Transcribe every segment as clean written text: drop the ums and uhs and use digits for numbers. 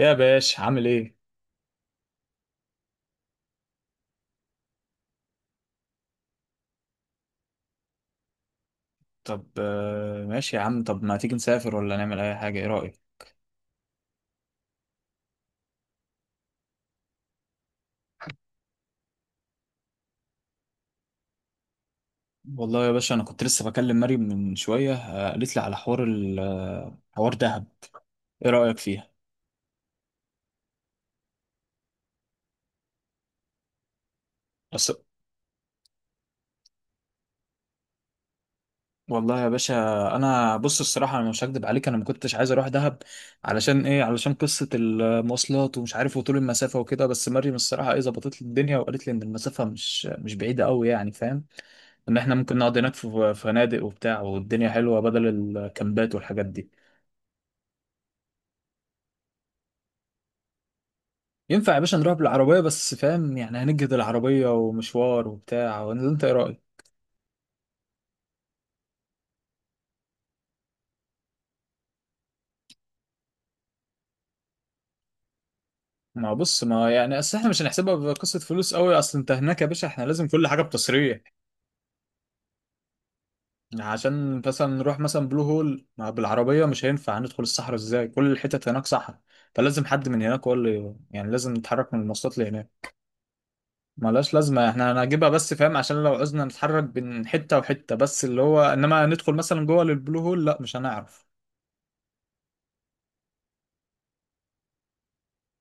يا باش عامل ايه؟ طب ماشي يا عم. طب ما تيجي نسافر ولا نعمل اي حاجة، ايه رأيك؟ والله يا باشا، انا كنت لسه بكلم مريم من شوية، قالت لي على حوار ال آه، حوار دهب. ايه رأيك فيها؟ بس. والله يا باشا. انا بص، الصراحة انا مش هكدب عليك، انا ما كنتش عايز اروح دهب. علشان ايه؟ علشان قصة المواصلات ومش عارف وطول المسافة وكده. بس مريم الصراحة ايه ظبطت لي الدنيا وقالت لي ان المسافة مش بعيدة قوي، يعني فاهم؟ ان احنا ممكن نقعد هناك في فنادق وبتاع، والدنيا حلوة بدل الكامبات والحاجات دي. ينفع يا باشا نروح بالعربية، بس فاهم يعني هنجهد العربية ومشوار وبتاع، انت ايه رأيك؟ ما بص، ما يعني اصل احنا مش هنحسبها بقصة فلوس قوي. اصل انت هناك يا باشا احنا لازم كل حاجة بتصريح. عشان مثلا نروح مثلا بلو هول، ما بالعربية مش هينفع، هندخل الصحراء ازاي؟ كل الحتت هناك صحراء. فلازم حد من هناك هو اللي يعني لازم نتحرك من المواصلات لهناك. ملهاش لازمة، احنا هنجيبها بس فاهم عشان لو عوزنا نتحرك بين حتة وحتة. بس اللي هو انما ندخل مثلا جوه للبلو هول، لا مش هنعرف.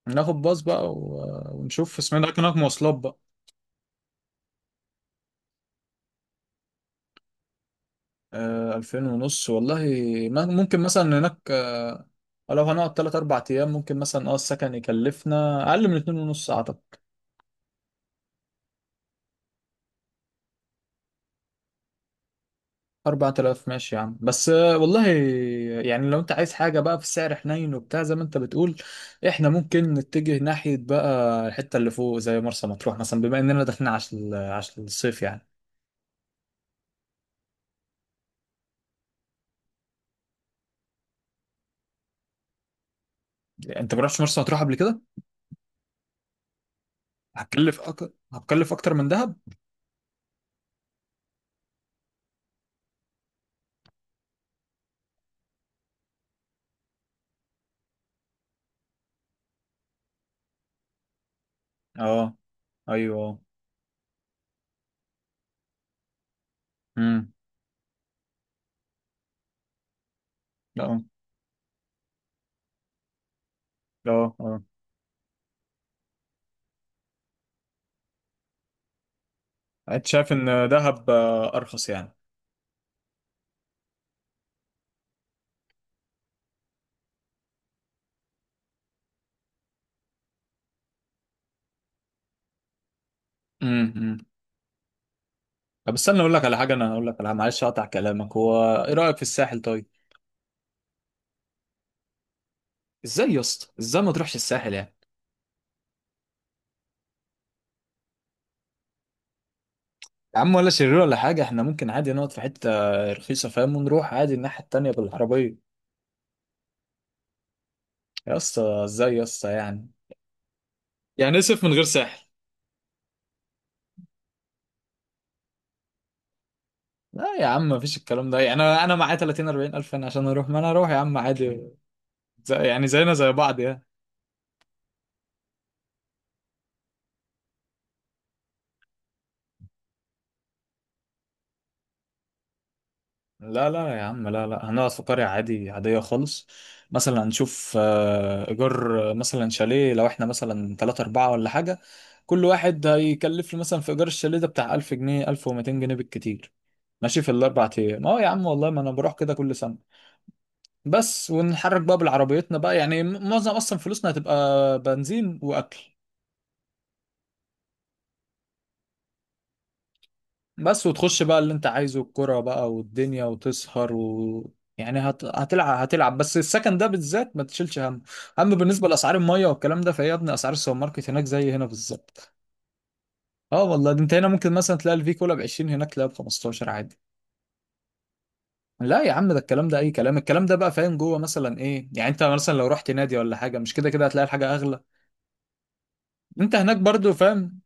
ناخد باص بقى ونشوف اسمنا ده كان هناك مواصلات بقى. 2000 ونص والله. ممكن مثلا هناك لو هنقعد 3 4 ايام ممكن مثلا السكن يكلفنا اقل من 2 ونص اعتقد. 4000 ماشي يا عم، بس والله. يعني لو انت عايز حاجة بقى في سعر حنين وبتاع زي ما انت بتقول، احنا ممكن نتجه ناحية بقى الحتة اللي فوق زي مرسى مطروح مثلا بما اننا داخلين عشان الصيف يعني. انت ما رحتش مرسى مطروح قبل كده؟ هتكلف اكتر من دهب. اه. ايوه. امم. لا. اه، اه. انت شايف ان دهب ارخص يعني؟ امم، أمم. طب استنى اقول لك على حاجه، انا اقول لك على، معلش اقطع كلامك، هو ايه رايك في الساحل طيب؟ ازاي يا اسطى؟ ازاي ما تروحش الساحل يعني؟ يا عم ولا شرير ولا حاجه، احنا ممكن عادي نقعد في حته رخيصه فاهم، ونروح عادي الناحيه التانيه بالعربيه. يا اسطى، ازاي يا اسطى يعني؟ يعني اسف من غير ساحل؟ لا يا عم مفيش الكلام ده، يعني انا معايا 30 40 الف، يعني عشان اروح ما انا اروح يا عم عادي. زي، يعني زينا زي بعض يعني. لا لا يا عم، لا لا هنقعد في قرية عادي عادية خالص. مثلا هنشوف، إيجار، مثلا شاليه، لو إحنا مثلا 3 4 ولا حاجة. كل واحد هيكلف لي مثلا في إيجار الشاليه ده بتاع 1000 جنيه 1200 جنيه بالكتير. ماشي في الأربع أيام، يا عم والله، ما أنا بروح كده كل سنة. بس ونتحرك بقى بالعربيتنا بقى، يعني معظم أصلا فلوسنا هتبقى بنزين وأكل. بس وتخش بقى اللي انت عايزه الكرة بقى والدنيا وتسهر هتلعب. بس السكن ده بالذات ما تشيلش هم. اما بالنسبة لأسعار المية والكلام ده فهي يا ابني أسعار السوبر ماركت هناك زي هنا بالظبط. اه والله، ده انت هنا ممكن مثلا تلاقي الفي كولا ب 20، هناك تلاقيها ب 15 عادي. لا يا عم ده الكلام ده اي كلام، الكلام ده بقى فاهم جوه مثلا ايه يعني، انت مثلا لو رحت نادي ولا حاجة مش كده كده هتلاقي الحاجة اغلى. انت هناك برضو فاهم.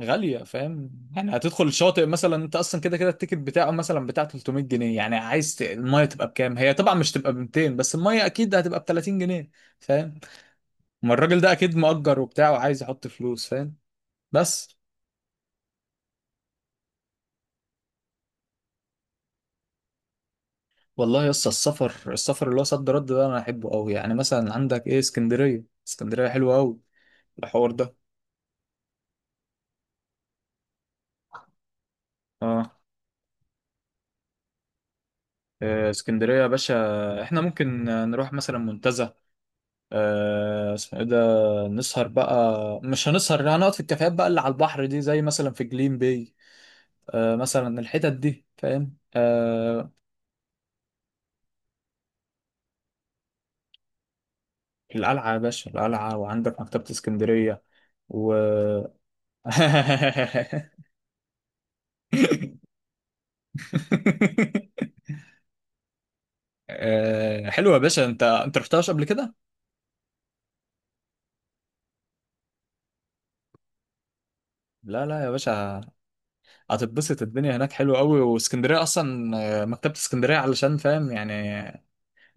غالية فاهم. يعني هتدخل الشاطئ مثلا، انت اصلا كده كده التيكت بتاعه مثلا بتاع 300 جنيه، يعني عايز المية تبقى بكام؟ هي طبعا مش تبقى ب 200، بس المية اكيد هتبقى ب 30 جنيه. فاهم. ما الراجل ده اكيد مؤجر وبتاع وعايز يحط فلوس فاهم. بس. والله يا اسطى، السفر اللي هو صد رد ده انا احبه قوي، يعني مثلا عندك ايه، اسكندرية، اسكندرية حلوة قوي. الحوار ده. اه. اسكندرية يا باشا. احنا ممكن نروح مثلا منتزه. اسمه ايه ده. نسهر بقى. مش هنسهر، هنقعد في الكافيهات بقى اللي على البحر دي، زي مثلا في جليم باي. مثلا الحتت دي فاهم آه. القلعة يا باشا، القلعة، وعندك مكتبة اسكندرية و حلوة يا باشا. انت رحتهاش قبل كده؟ لا لا يا باشا. هتتبسط، الدنيا هناك حلوة قوي، واسكندرية اصلا مكتبة اسكندرية علشان فاهم يعني،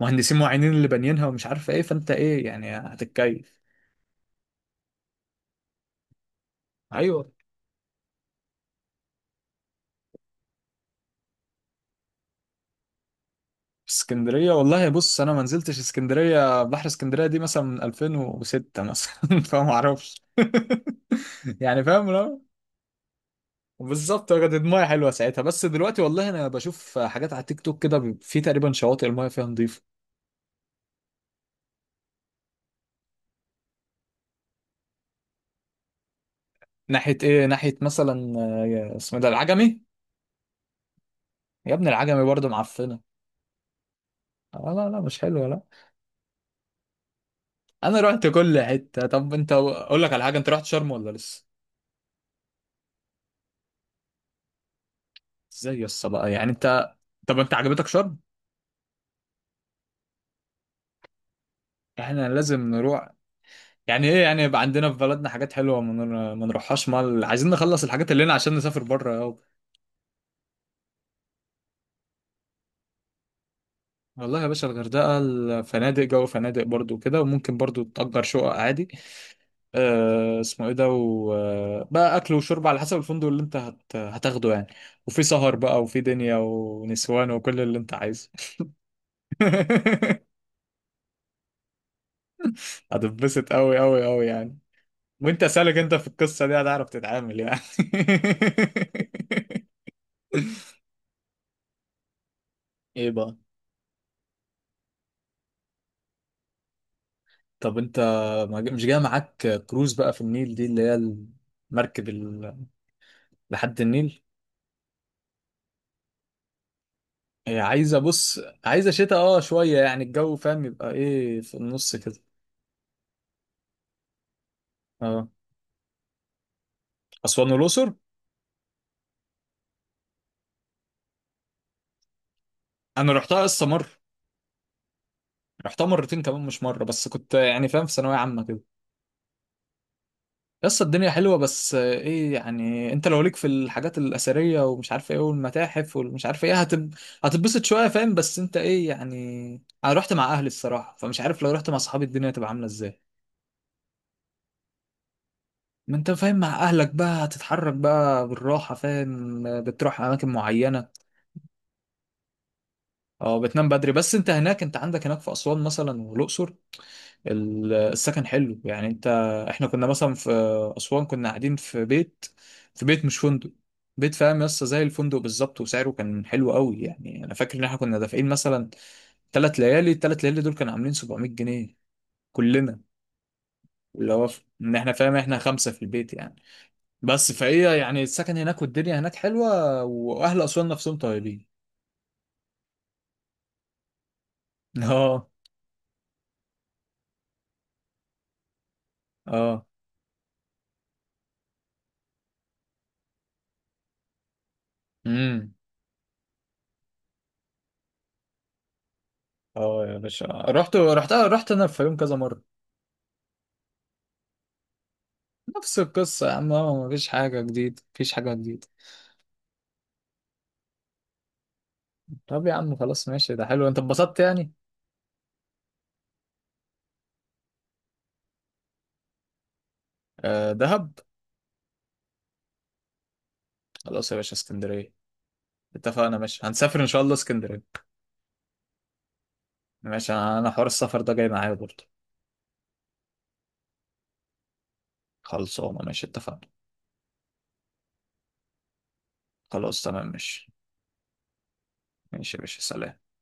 مهندسين معينين اللي بانيينها ومش عارف ايه، فانت ايه يعني هتتكيف. ايوه. في اسكندرية والله، بص أنا ما نزلتش اسكندرية، بحر اسكندرية دي مثلا من 2006 مثلا. فما أعرفش. يعني فاهم، لا. بالظبط كانت المايه حلوة ساعتها، بس دلوقتي والله أنا بشوف حاجات على تيك توك كده في تقريبا شواطئ المايه فيها نظيفة. ناحية إيه؟ ناحية مثلا اسمه إيه ده، العجمي. يا ابني العجمي برضه معفنة. آه، لا لا مش حلوة، لا. أنا رحت كل حتة. طب أنت، أقول لك على حاجة، أنت رحت شرم ولا لسه؟ إزاي يا اسطى بقى يعني أنت؟ طب أنت عجبتك شرم؟ احنا لازم نروح. يعني ايه يعني؟ يبقى عندنا في بلدنا حاجات حلوه ما نروحهاش، مال عايزين نخلص الحاجات اللي لنا عشان نسافر بره يابا. والله يا باشا، الغردقه الفنادق جو فنادق برضو كده، وممكن برضو تأجر شقق عادي. اسمه ايه ده، وبقى اكل وشرب على حسب الفندق اللي انت هتاخده يعني. وفي سهر بقى وفي دنيا ونسوان وكل اللي انت عايزه. هتتبسط قوي قوي قوي يعني. وانت سالك، انت في القصه دي هتعرف تتعامل يعني؟ ايه بقى؟ طب انت، ما ج- مش جاي معاك كروز بقى في النيل دي اللي هي المركب لحد النيل. هي عايزه، بص. عايزه شتاء، شويه يعني الجو فاهم، يبقى ايه في النص كده. اه، اسوان والاقصر. انا رحتها قصه مره. رحتها مرتين كمان، مش مره بس، كنت يعني فاهم في ثانويه عامه كده. قصه الدنيا حلوه، بس ايه يعني، انت لو ليك في الحاجات الاثريه ومش عارف ايه والمتاحف والمش عارف ايه هتتبسط شويه فاهم، بس انت ايه يعني. انا رحت مع اهلي الصراحه، فمش عارف لو رحت مع صحابي الدنيا هتبقى عامله ازاي. ما انت فاهم، مع اهلك بقى هتتحرك بقى بالراحه، فاهم، بتروح اماكن معينه. اه، بتنام بدري. بس انت هناك، انت عندك هناك في اسوان مثلا والاقصر. السكن حلو يعني، انت احنا كنا مثلا في اسوان كنا قاعدين في بيت، في بيت مش فندق، بيت فاهم يس، زي الفندق بالظبط، وسعره كان حلو قوي، يعني انا فاكر ان احنا كنا دافعين مثلا 3 ليالي، الثلاث ليالي دول كانوا عاملين 700 جنيه، كلنا. اللي هو ان احنا فاهم احنا 5 في البيت يعني. بس فهي يعني، السكن هناك والدنيا هناك حلوة، وأهل أسوان نفسهم طيبين. اه، اه، امم. اه يا باشا، رحت رحت رحت أنا الفيوم كذا مرة. نفس القصة يا عم، اه، ما فيش حاجة جديدة مفيش حاجة جديدة. طب يا عم خلاص ماشي، ده حلو، أنت اتبسطت يعني. آه، دهب. خلاص يا باشا اسكندرية. اتفقنا، ماشي هنسافر إن شاء الله اسكندرية. ماشي، أنا حوار السفر ده جاي معايا برضه. خلصانة ماشي اتفقنا. خلاص تمام ماشي. ماشي يا باشا، سلام.